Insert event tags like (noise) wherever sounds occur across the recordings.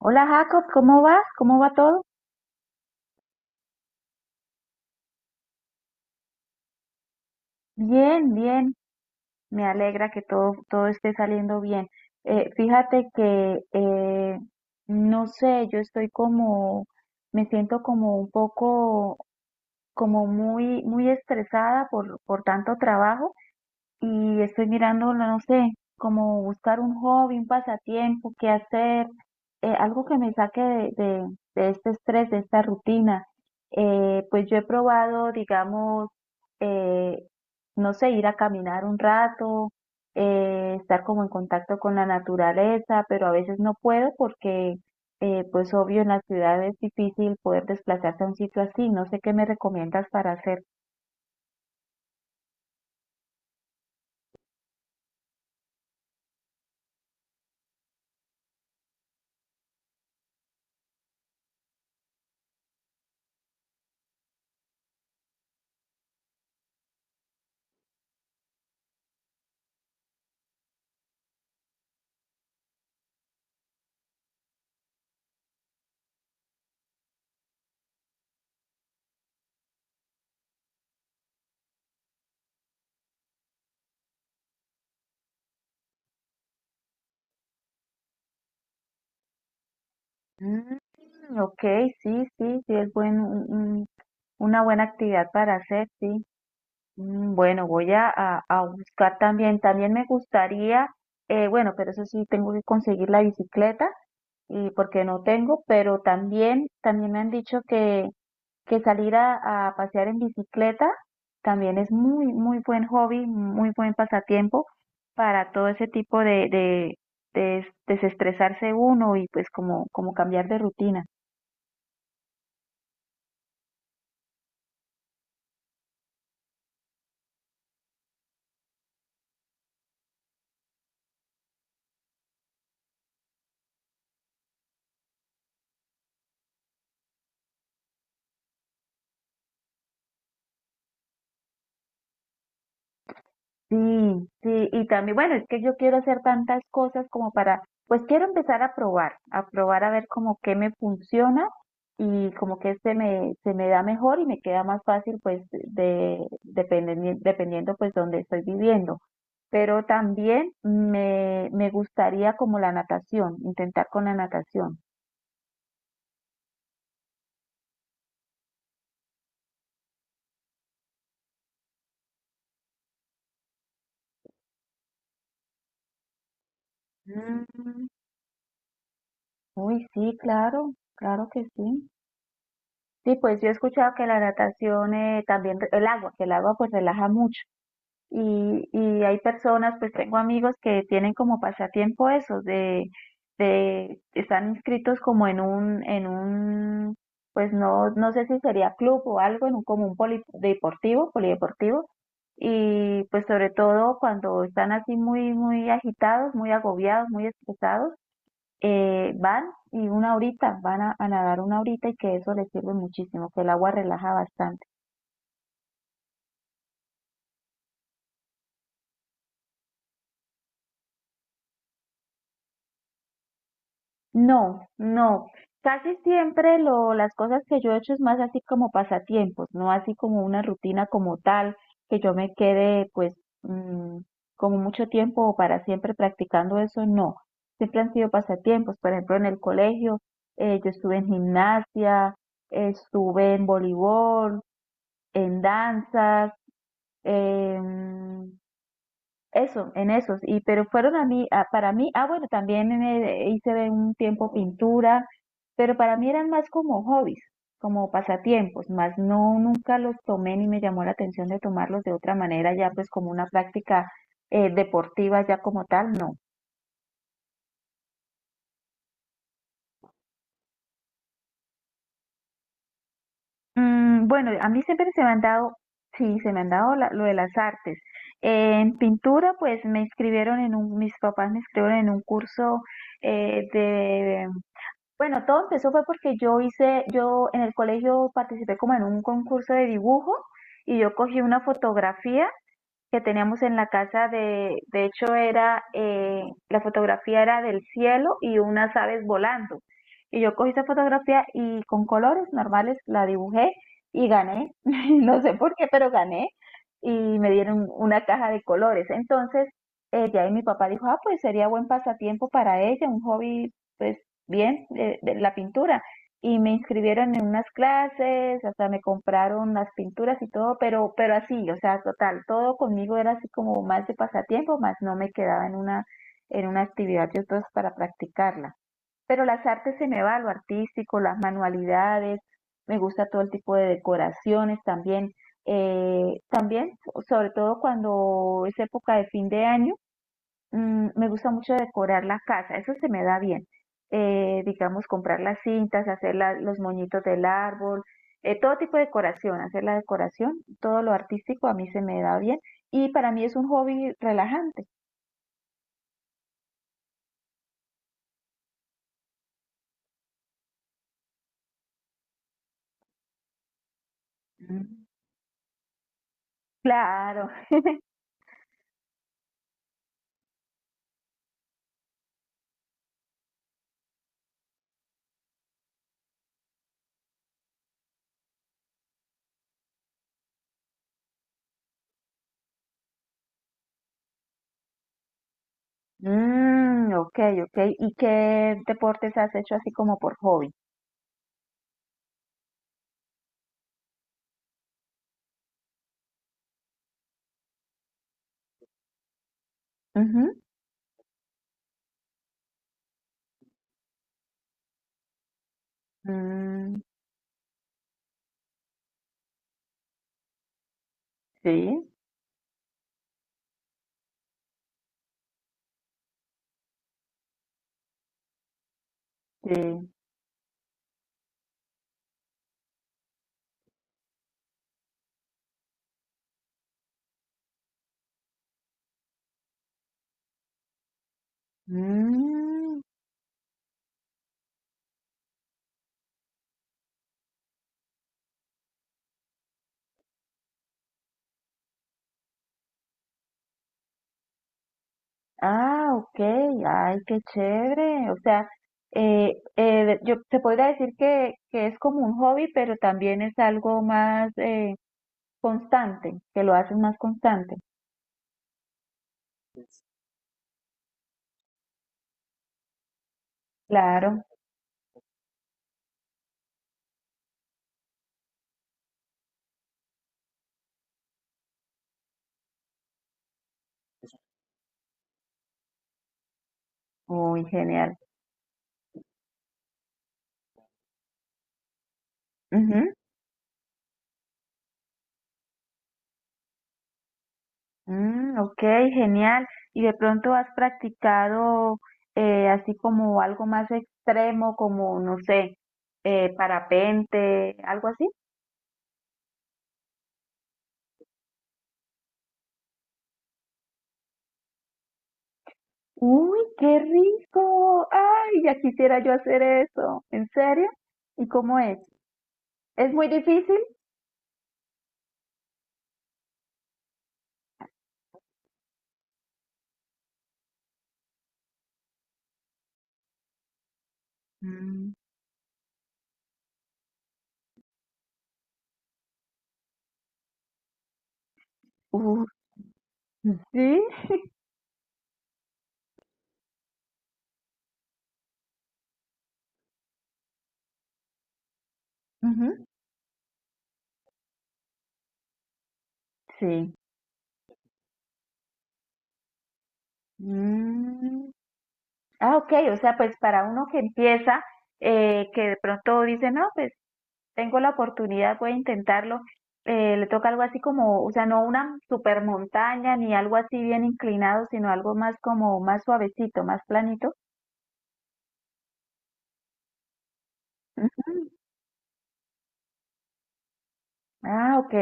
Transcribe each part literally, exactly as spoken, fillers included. Hola Jacob, ¿cómo vas? ¿Cómo va todo? Bien, bien. Me alegra que todo, todo esté saliendo bien. Eh, fíjate que, eh, no sé, yo estoy como, me siento como un poco, como muy, muy estresada por, por tanto trabajo y estoy mirando, no sé, como buscar un hobby, un pasatiempo, qué hacer, eh, algo que me saque de, de, de este estrés, de esta rutina. Eh, pues yo he probado, digamos, eh, no sé, ir a caminar un rato, eh, estar como en contacto con la naturaleza, pero a veces no puedo porque, eh, pues obvio, en la ciudad es difícil poder desplazarse a un sitio así. No sé qué me recomiendas para hacer. Mm, ok, sí, sí, sí, es buen, un- un- una buena actividad para hacer, sí. Mm, Bueno, voy a, a- a buscar también, también me gustaría, eh, bueno, pero eso sí, tengo que conseguir la bicicleta y porque no tengo, pero también, también me han dicho que, que salir a, a pasear en bicicleta también es muy, muy buen hobby, muy buen pasatiempo para todo ese tipo de, de, de des- desestresarse uno y pues como, como cambiar de rutina. Sí, sí, y también, bueno, es que yo quiero hacer tantas cosas como para, pues quiero empezar a probar, a probar a ver como qué me funciona y como que se me, se me da mejor y me queda más fácil pues de, dependiendo, dependiendo pues donde estoy viviendo. Pero también me, me gustaría como la natación, intentar con la natación. Mm, uy, sí, claro, claro que sí. Sí, pues yo he escuchado que la natación eh, también, re- el agua, que el agua pues relaja mucho. y, y hay personas, pues tengo amigos que tienen como pasatiempo eso, de, de están inscritos como en un, en un, pues no, no sé si sería club o algo, en un como un poli- deportivo, polideportivo, y pues sobre todo cuando están así muy, muy agitados, muy agobiados, muy estresados, eh, van y una horita, van a, a nadar una horita y que eso les sirve muchísimo, que el agua relaja bastante. No, no. Casi siempre lo, las cosas que yo he hecho es más así como pasatiempos, no así como una rutina como tal, que yo me quede pues mm, como mucho tiempo o para siempre practicando eso, no. Siempre han sido pasatiempos, por ejemplo en el colegio, eh, yo estuve en gimnasia, estuve en voleibol, en danzas, em, eso, en esos, y pero fueron a mí, a- para mí, ah bueno, también en hice de un tiempo pintura, pero para mí eran más como hobbies, como pasatiempos, más no, nunca los tomé ni me llamó la atención de tomarlos de otra manera, ya pues como una práctica eh, deportiva ya como tal, no. Mm, bueno, a mí siempre se me han dado, sí, se me han dado la- lo de las artes. En pintura, pues me inscribieron en un, mis papás me inscribieron en un curso eh, bueno, todo empezó fue porque yo hice, yo en el colegio participé como en un concurso de dibujo y yo cogí una fotografía que teníamos en la casa de, de hecho era, eh, la fotografía era del cielo y unas aves volando. Y yo cogí esa fotografía y con colores normales la dibujé y gané. (laughs) No sé por qué, pero gané y me dieron una caja de colores. Entonces, eh, de ahí mi papá dijo, ah, pues sería buen pasatiempo para ella, un hobby, pues bien, eh, de la pintura y me inscribieron en unas clases, hasta me compraron las pinturas y todo, pero, pero así, o sea, total, todo conmigo era así como más de pasatiempo, más no me quedaba en una, en una actividad de otros para practicarla. Pero las artes se me va, lo artístico, las manualidades, me gusta todo el tipo de decoraciones también. eh, también, sobre todo cuando es época de fin de año, Mm, me gusta mucho decorar la casa, eso se me da bien. Eh, digamos, comprar las cintas, hacer la- los moñitos del árbol, eh, todo tipo de decoración, hacer la decoración, todo lo artístico a mí se me da bien y para mí es un hobby relajante. Mm. Claro. (laughs) Mm, ok, ok. ¿Y qué deportes has hecho así como por hobby? Ujú. Mm, sí, sí. Mm. Ah, ok, ay, qué chévere. O sea, eh, eh, yo te podría decir que, que es como un hobby, pero también es algo más eh, constante, que lo haces más constante. Claro, uy, genial. Ujú. Mm, ok, genial. ¿Y de pronto has practicado eh, así como algo más extremo, como, no sé, eh, parapente, algo así? Uy, qué rico. Ay, ya quisiera yo hacer eso. ¿En serio? ¿Y cómo es? ¿Es muy difícil? Mm, Uh, sí. (laughs) Ujú. Sí. Mm. Ah, ok, o sea, pues para uno que empieza, eh, que de pronto dice, no, pues tengo la oportunidad, voy a intentarlo, eh, le toca algo así como, o sea, no una super montaña ni algo así bien inclinado, sino algo más como más suavecito, más planito. Ujú. Ah, ok.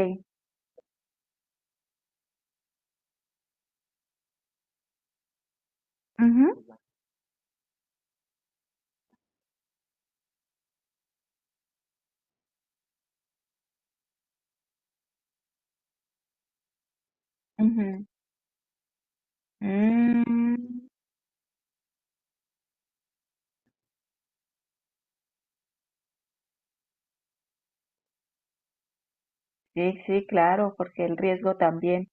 Ujú. Mm, sí, sí, claro, porque el riesgo también.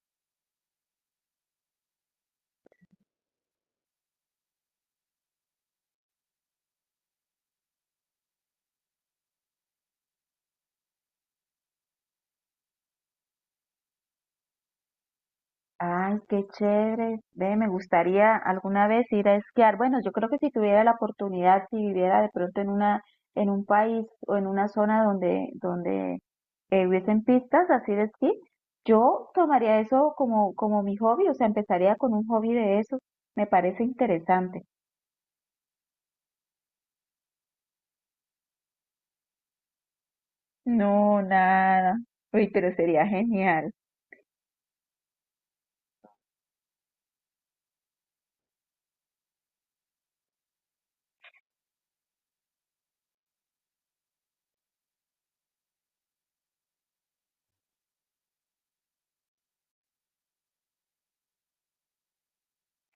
Ay, qué chévere. Ve, me gustaría alguna vez ir a esquiar. Bueno, yo creo que si tuviera la oportunidad, si viviera de pronto en una, en un país o en una zona donde, donde eh, hubiesen pistas así de esquí, yo tomaría eso como, como mi hobby, o sea, empezaría con un hobby de eso. Me parece interesante. No, nada. Uy, pero sería genial.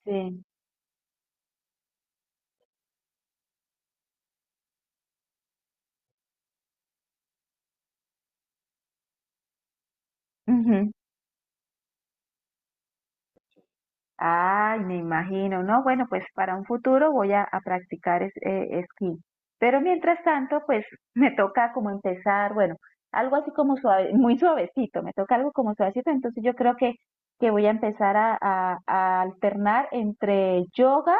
Sí. Ujú. Ay, me imagino, ¿no? Bueno, pues para un futuro voy a, a practicar es- eh, esquí. Pero mientras tanto, pues me toca como empezar, bueno, algo así como suave, (laughs) muy suavecito, me toca algo como suavecito, entonces yo creo que, que voy a empezar a, a- a alternar entre yoga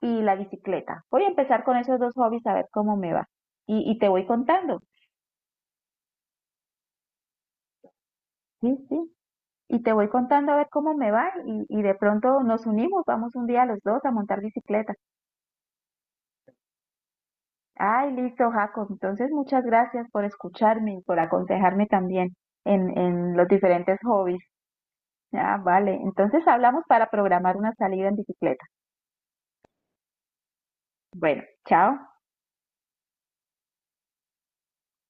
y la bicicleta. Voy a empezar con esos dos hobbies a ver cómo me va. Y, y te voy contando, sí, sí. Y te voy contando a ver cómo me va y, y de pronto nos unimos, vamos un día los dos a montar bicicleta. Ay, listo, Jacob. Entonces, muchas gracias por escucharme y por aconsejarme también en, en los diferentes hobbies. Ah, vale. Entonces, hablamos para programar una salida en bicicleta. Bueno, chao.